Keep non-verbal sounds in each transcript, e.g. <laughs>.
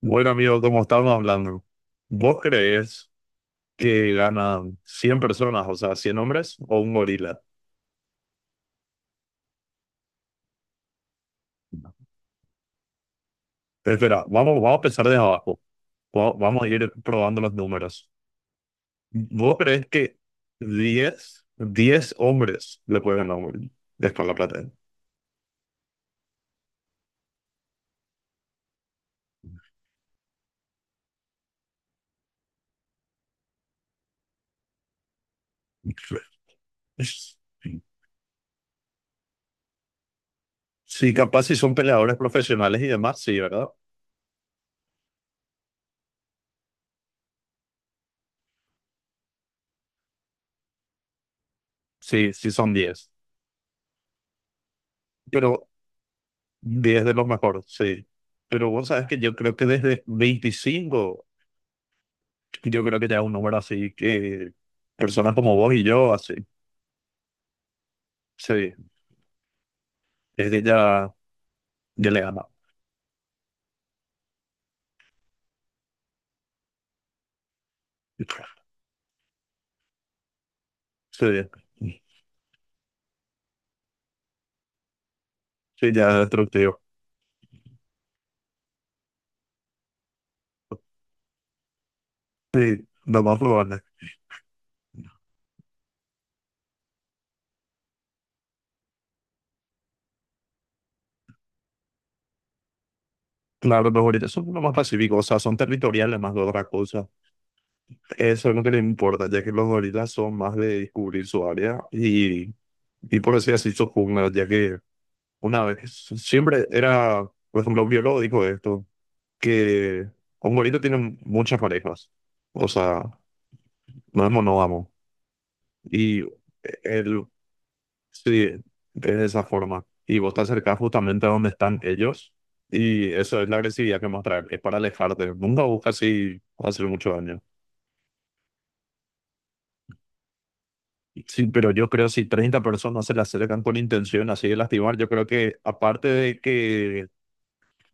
Bueno, amigo, como estábamos hablando, ¿vos creés que ganan 100 personas, o sea, 100 hombres o un gorila? Espera, vamos, vamos a empezar desde abajo. Vamos a ir probando los números. ¿Vos creés que diez hombres le pueden ganar a un gorila? Es por la plata. Sí, capaz si son peleadores profesionales y demás, sí, ¿verdad? Sí, sí son 10, pero 10 de los mejores, sí. Pero vos sabes que yo creo que desde 25, yo creo que ya es un número así que personas como vos y yo, así, sí, desde ya, ya le ganamos. Sí, sí, ya es destructivo. Sí, lo más probable. Claro, los gorilas son lo más pacíficos, o sea, son territoriales más que otra cosa. Eso es lo que les importa, ya que los gorilas son más de descubrir su área y por así decir, su jungla, ya que una vez, siempre era, por ejemplo, un biólogo dijo esto, que un gorila tiene muchas parejas, o sea, no es monógamo, y él, sí, es de esa forma, y vos te acercás justamente a donde están ellos, y eso es la agresividad que mostrar, es para alejarte, nunca buscas si va a hacer mucho daño. Sí, pero yo creo si 30 personas se le acercan con intención así de lastimar, yo creo que aparte de que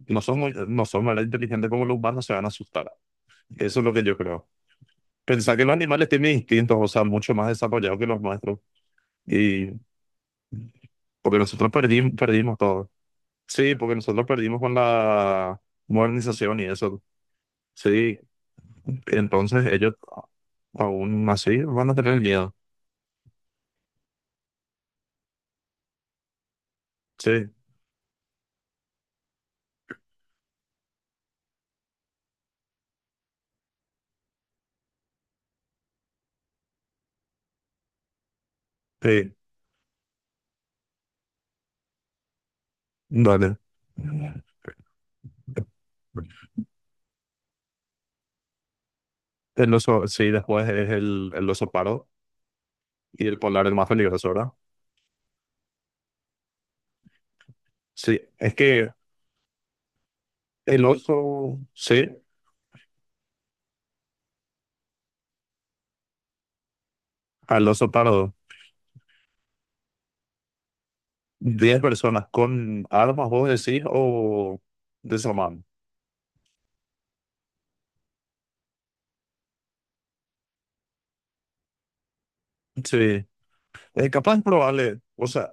no son más inteligentes como los humanos, se van a asustar. Eso es lo que yo creo. Pensar que los animales tienen instintos, o sea, mucho más desarrollados que los nuestros. Y porque nosotros perdimos todo. Sí, porque nosotros perdimos con la modernización y eso. Sí, entonces ellos aún así van a tener miedo. Sí, sí, dale. El oso, sí, después es el oso paro y el polar el más peligroso, ¿verdad? Sí, es que el oso, sí, al oso pardo. 10 personas con armas, vos decís, o desarmando. Sí. Capaz probable, o sea,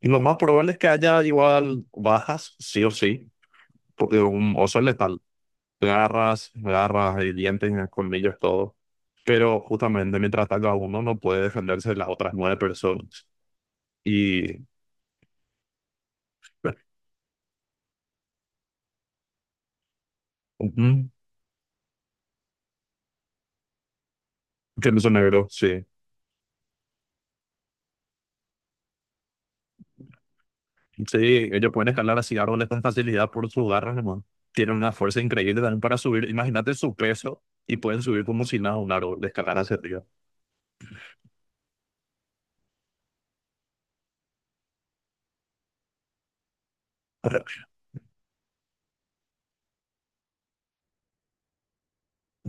lo más probable es que haya igual bajas, sí o sí, porque un oso es letal. Garras, garras y dientes, y colmillos, todo. Pero justamente mientras ataca a uno, no puede defenderse las otras nueve personas. Y. bueno. Ujú. Que no son negros, sí. Sí, ellos pueden escalar así árboles con facilidad por sus garras, hermano. Tienen una fuerza increíble también para subir. Imagínate su peso y pueden subir como si nada un árbol, de escalar hacia arriba. <laughs>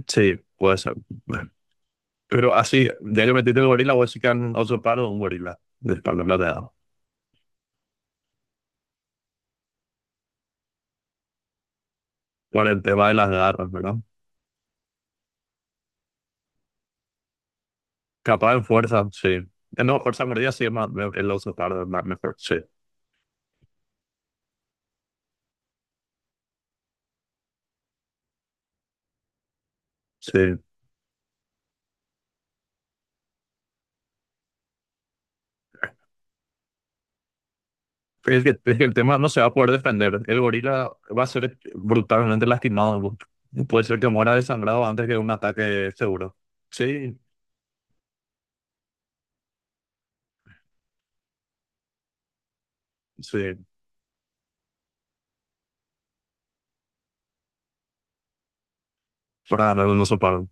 Sí, puede ser. Pero así, de ellos metiste el gorila, vos sí que han usurpado un gorila de espalda plateada. Por el tema de las garras, ¿verdad? Capaz en fuerza, sí. No, fuerza mordida sí es más, el oso pardo es más mejor, sí. Sí. Pero es que el tema no se va a poder defender. El gorila va a ser brutalmente lastimado. Puede ser que muera desangrado antes que un ataque seguro. Sí, sí, para ganar un oso pardo.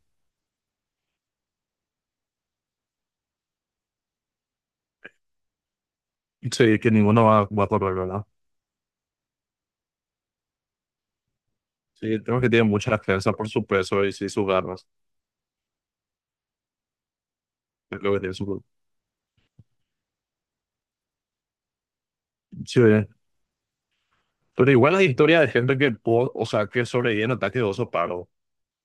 Sí, que ninguno va a correr, ¿verdad? Sí, tengo que tiene mucha defensa por su peso y sí, sus garras. Es lo que tiene su... Sí, pero igual hay historia de gente que pudo, o sea, que sobrevive en ataque de oso pardo.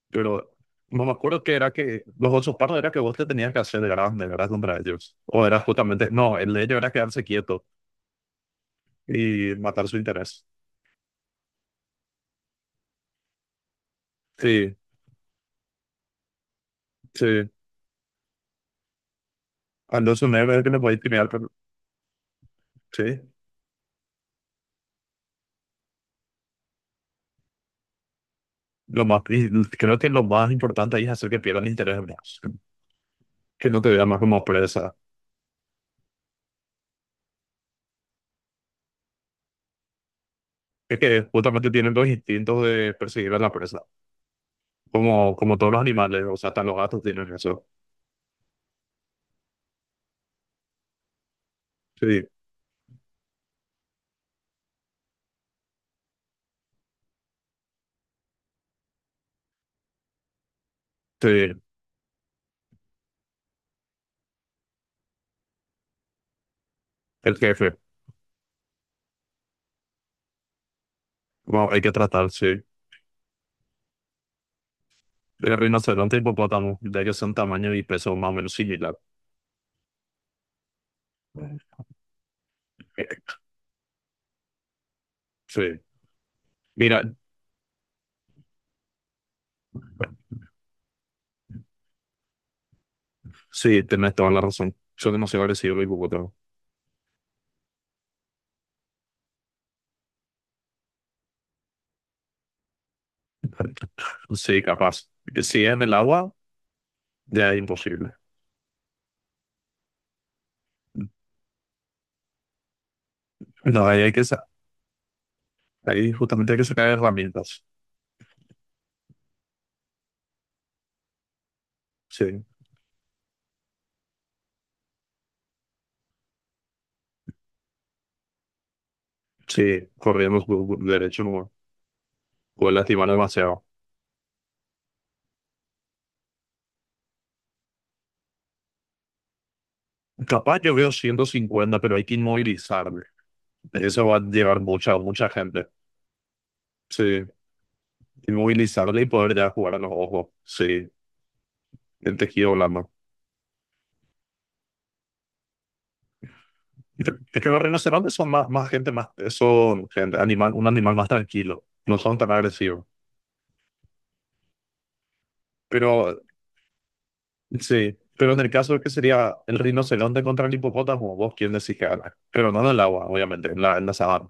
Pero no me acuerdo que era que los osos pardos era que vos te tenías que hacer grande, ¿verdad? Contra ellos. O era justamente, no, el de ellos era quedarse quieto. Y matar su interés. Sí, sí. Anderson Neve es el que le puede intimidar, pero sí. Lo más, y creo que lo más importante ahí es hacer que pierdan el interés en vos, que no te vean más como presa. Es que justamente tienen los instintos de perseguir a la presa, como todos los animales, o sea, hasta los gatos tienen eso. Sí, sí, el jefe. Bueno, hay que tratar, sí. El rinoceronte y hipopótamo, de ellos son tamaño y peso más o menos similar. Eh, Sí, mira, sí, tenés toda la razón. Son demasiado agresivos los hipopótamos. Sí, capaz. Que si en el agua, ya es imposible. No, ahí hay que ahí justamente hay que sacar herramientas. Sí, sí, corremos derecho, no puede lastimar demasiado. Capaz yo veo 150 pero hay que inmovilizarle. Eso va a llevar mucha, mucha gente. Sí, inmovilizarle y poder ya jugar a los ojos. Sí, el tejido blando. Es que los rinocerontes son más, más gente, más, son gente, animal, un animal más tranquilo. No son tan agresivos. Pero sí, pero en el caso que sería el rinoceronte contra el hipopótamo, vos quién decís que gana. Pero no en el agua, obviamente, en la, sabana.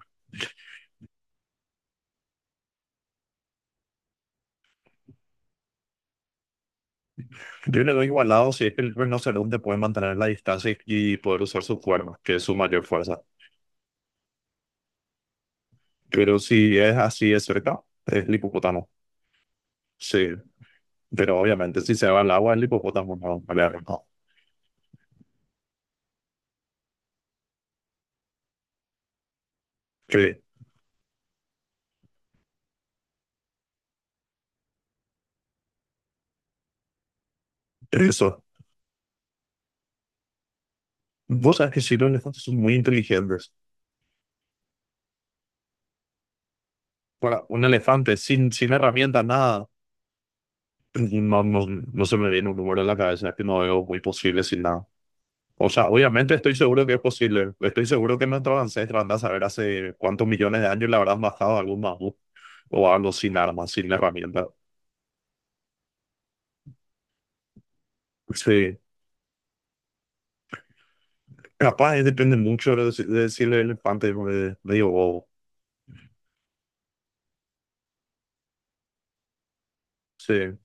Yo le doy igualado si es que el rinoceronte puede mantener la distancia y poder usar su cuernos, que es su mayor fuerza. Pero si es así de cerca, es el hipopótamo. Sí, pero obviamente si se va al agua, el hipopótamo no. Vale, no. Sí, eso. Vos sabés que sí, los elefantes son muy inteligentes. Para un elefante sin herramientas, nada. No, no, no se me viene un número en la cabeza, es que no veo muy posible sin nada. O sea, obviamente estoy seguro que es posible. Estoy seguro que nuestros ancestros andan a saber hace cuántos millones de años le habrán bajado a algún mamut o algo sin armas, sin herramientas. Sí. Capaz depende mucho de, de si el elefante medio bobo. Sí.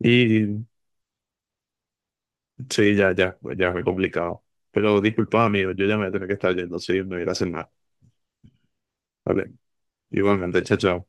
Y sí, ya, ya, ya es muy complicado. Pero disculpa, amigo, yo ya me voy a tener que estar yendo, sí, me voy a ir a cenar. Vale, igualmente, chao, chao.